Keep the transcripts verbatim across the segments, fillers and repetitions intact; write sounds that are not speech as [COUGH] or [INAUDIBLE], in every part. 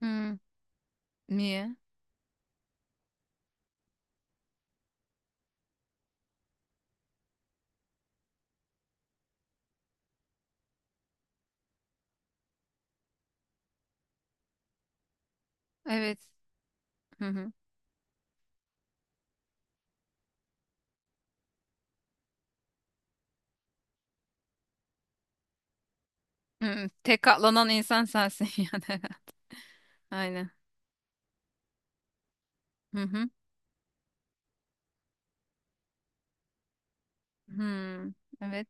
Hmm, niye? Evet. Hı hı. Hı, tek katlanan insan sensin [LAUGHS] yani. Aynen. Hı hı. Hmm, evet.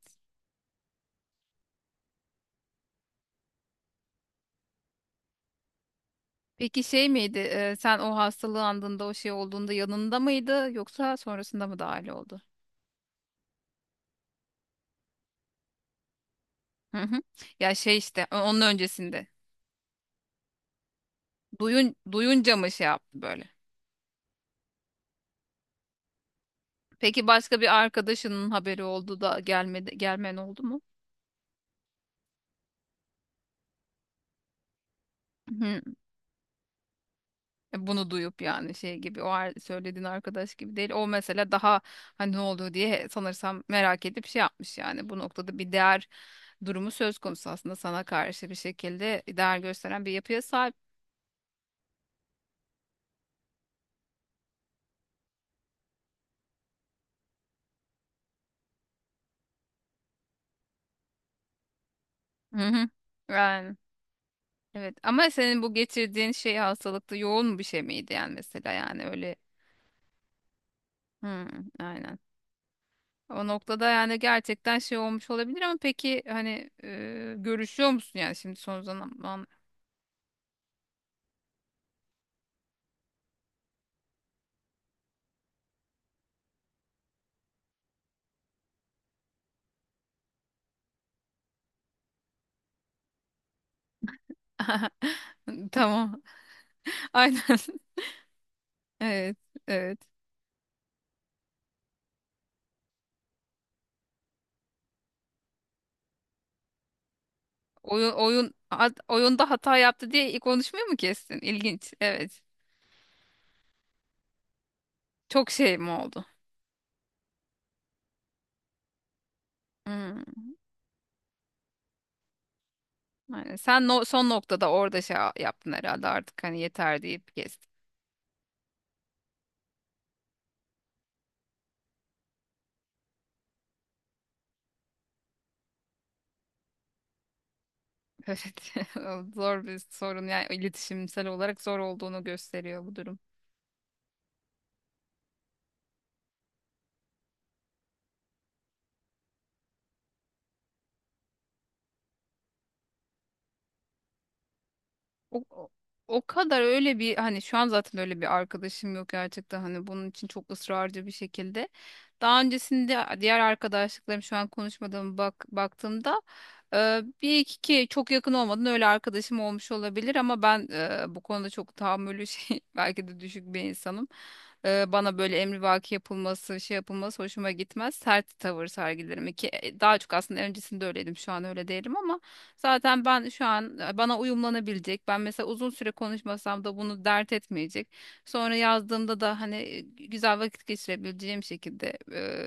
Peki şey miydi? E, sen o hastalığı andığında o şey olduğunda yanında mıydı yoksa sonrasında mı dahil oldu? Hı hı. Ya şey işte o- onun öncesinde. Duyun duyunca mı şey yaptı böyle? Peki başka bir arkadaşının haberi oldu da gelmedi gelmen oldu mu? Hı. Bunu duyup yani şey gibi o ar- söylediğin arkadaş gibi değil. O mesela daha hani ne oldu diye sanırsam merak edip şey yapmış yani. Bu noktada bir değer durumu söz konusu, aslında sana karşı bir şekilde değer gösteren bir yapıya sahip. Hı hı. Yani evet, ama senin bu geçirdiğin şey hastalıkta yoğun bir şey miydi yani, mesela yani, öyle. Hı, aynen. O noktada yani gerçekten şey olmuş olabilir, ama peki hani e, görüşüyor musun yani şimdi son zaman? [LAUGHS] Tamam. [LAUGHS] Aynen. Evet, evet. Oyun oyun at- oyunda hata yaptı diye konuşmuyor mu, kestin? İlginç. Evet. Çok şey mi oldu? Hmm. Yani sen no- son noktada orada şey yaptın herhalde, artık hani yeter deyip kestin. [LAUGHS] Evet. Zor bir sorun, yani iletişimsel olarak zor olduğunu gösteriyor bu durum. O, o O kadar öyle bir hani, şu an zaten öyle bir arkadaşım yok gerçekten, hani bunun için çok ısrarcı bir şekilde. Daha öncesinde diğer arkadaşlıklarım, şu an konuşmadığım, bak baktığımda e, bir iki ki çok yakın olmadan öyle arkadaşım olmuş olabilir, ama ben e, bu konuda çok tahammülü şey [LAUGHS] belki de düşük bir insanım. E, bana böyle emrivaki yapılması, şey yapılması hoşuma gitmez. Sert tavır sergilerim ki e, daha çok aslında öncesinde öyleydim, şu an öyle değilim, ama zaten ben şu an e, bana uyumlanabilecek. Ben mesela uzun süre konuşmasam da bunu dert etmeyecek. Sonra yazdığımda da hani e, güzel vakit geçirebileceğim şekilde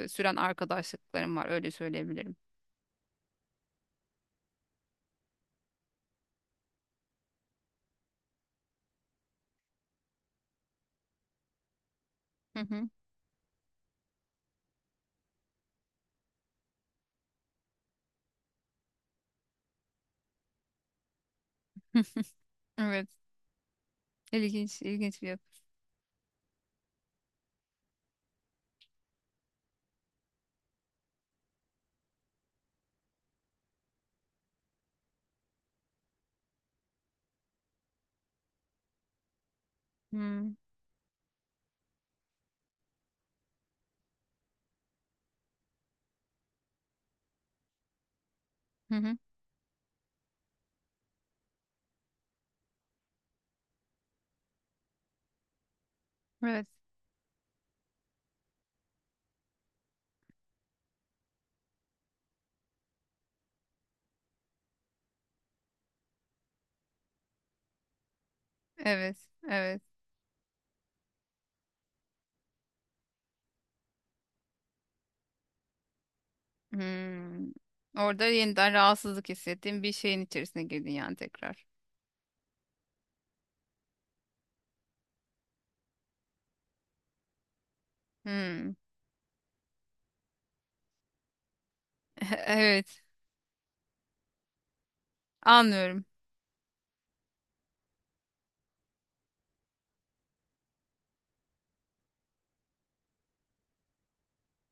e, süren arkadaşlıklarım var. Öyle söyleyebilirim. Hı hı. [LAUGHS] Evet. İlginç, ilginç bir yapı. Hmm. Hı hı. Evet. Evet. Evet. Hmm. Orada yeniden rahatsızlık hissettiğim bir şeyin içerisine girdin yani, tekrar. Hmm. [LAUGHS] Evet. Anlıyorum.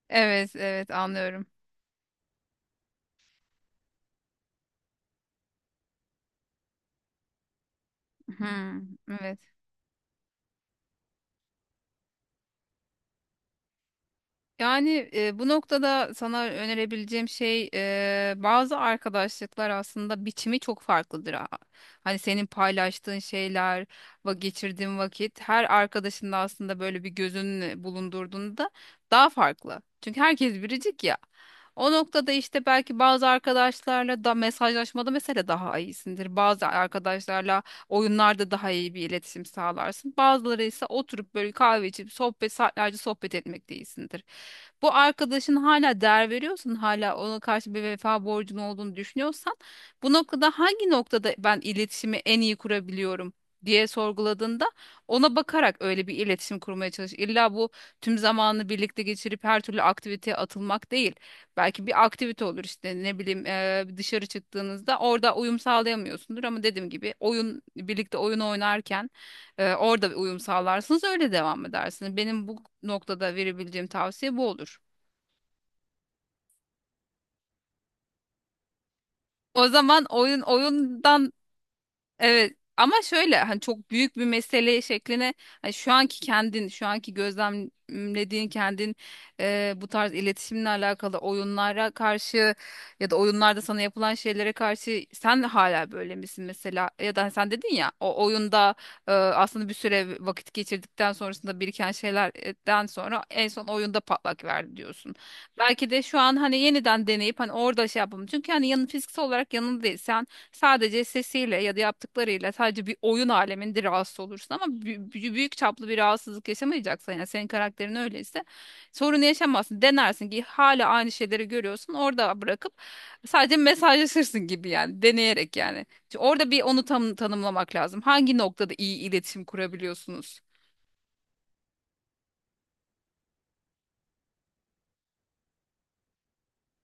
Evet, evet, anlıyorum. Hmm. Evet. Yani e, bu noktada sana önerebileceğim şey, e, bazı arkadaşlıklar aslında biçimi çok farklıdır, ha. Hani senin paylaştığın şeyler, va geçirdiğin vakit, her arkadaşında aslında böyle bir gözün bulundurduğunda daha farklı. Çünkü herkes biricik ya. O noktada işte belki bazı arkadaşlarla da mesajlaşmada mesela daha iyisindir. Bazı arkadaşlarla oyunlarda daha iyi bir iletişim sağlarsın. Bazıları ise oturup böyle kahve içip sohbet, saatlerce sohbet etmekte iyisindir. Bu arkadaşın hala değer veriyorsan, hala ona karşı bir vefa borcun olduğunu düşünüyorsan, bu noktada hangi noktada ben iletişimi en iyi kurabiliyorum diye sorguladığında ona bakarak öyle bir iletişim kurmaya çalış. İlla bu tüm zamanını birlikte geçirip her türlü aktiviteye atılmak değil. Belki bir aktivite olur işte, ne bileyim, eee, dışarı çıktığınızda orada uyum sağlayamıyorsundur, ama dediğim gibi oyun birlikte oyun oynarken eee, orada bir uyum sağlarsınız, öyle devam edersiniz. Benim bu noktada verebileceğim tavsiye bu olur. O zaman oyun oyundan evet, ama şöyle hani çok büyük bir mesele şekline, hani şu anki kendin, şu anki gözlemlediğin kendin, e, bu tarz iletişimle alakalı oyunlara karşı ya da oyunlarda sana yapılan şeylere karşı sen hala böyle misin mesela? Ya da hani, sen dedin ya o oyunda e, aslında bir süre vakit geçirdikten sonrasında biriken şeylerden sonra en son oyunda patlak verdi diyorsun. Belki de şu an hani yeniden deneyip hani orada şey yapalım, çünkü hani yanın fiziksel olarak yanında değil. Sadece sesiyle ya da yaptıklarıyla sadece bir oyun aleminde rahatsız olursun, ama bü- bü- büyük çaplı bir rahatsızlık yaşamayacaksan, yani senin karakterin öyleyse sorunu yaşamazsın. Denersin ki hala aynı şeyleri görüyorsun, orada bırakıp sadece mesajlaşırsın gibi yani, deneyerek yani. Çünkü orada bir onu tam tanımlamak lazım. Hangi noktada iyi iletişim kurabiliyorsunuz?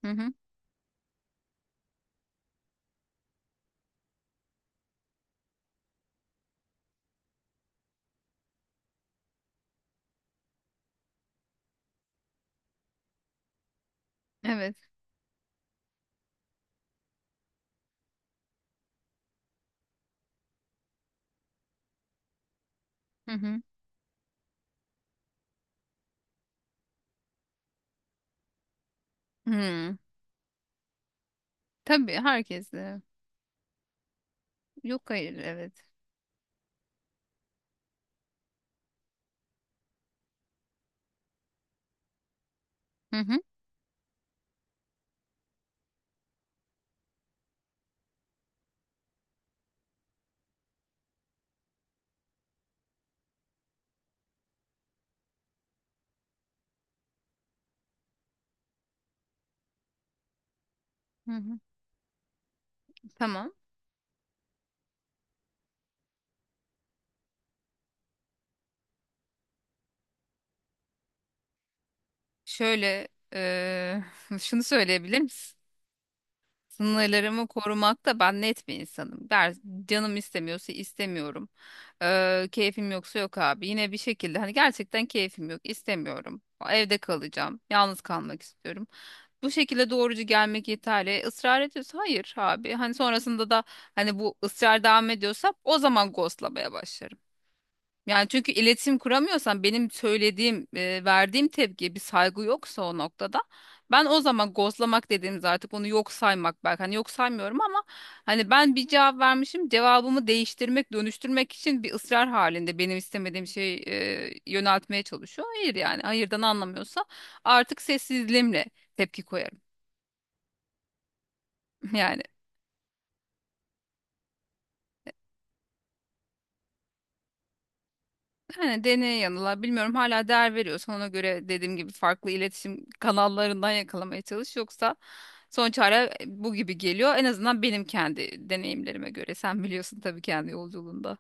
Hı hı. Evet. Hı hı. Hı. Tabii herkesle. Yok, hayır, evet. Hı hı. Hı hı. Tamam. Şöyle eee, [LAUGHS] şunu söyleyebilir misin? Sınırlarımı korumakta ben net bir insanım. Der, canım istemiyorsa istemiyorum. Eee, keyfim yoksa yok abi. Yine bir şekilde hani gerçekten keyfim yok, istemiyorum. Evde kalacağım. Yalnız kalmak istiyorum. Bu şekilde doğrucu gelmek yeterli. Israr ediyorsa hayır abi. Hani sonrasında da hani bu ısrar devam ediyorsa o zaman ghostlamaya başlarım. Yani çünkü iletişim kuramıyorsan benim söylediğim, e, verdiğim tepkiye bir saygı yoksa o noktada ben o zaman gozlamak dediğimiz, artık onu yok saymak, belki hani yok saymıyorum ama hani ben bir cevap vermişim, cevabımı değiştirmek, dönüştürmek için bir ısrar halinde benim istemediğim şeyi e, yöneltmeye çalışıyor. Hayır, yani hayırdan anlamıyorsa artık sessizliğimle tepki koyarım. [LAUGHS] Yani, yani deneye yanıla, bilmiyorum, hala değer veriyorsan ona göre dediğim gibi farklı iletişim kanallarından yakalamaya çalış, yoksa son çare bu gibi geliyor. En azından benim kendi deneyimlerime göre. Sen biliyorsun tabii kendi yolculuğunda.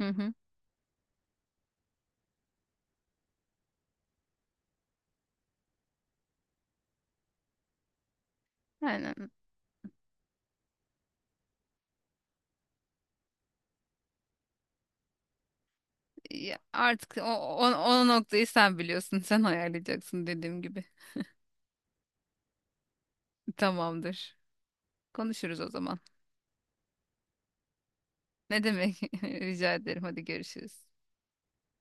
Hı hı. Aynen. Ya artık o, o, o noktayı sen biliyorsun. [LAUGHS] Sen ayarlayacaksın dediğim gibi. Tamamdır. Konuşuruz o zaman. Ne demek? [LAUGHS] Rica ederim. Hadi görüşürüz.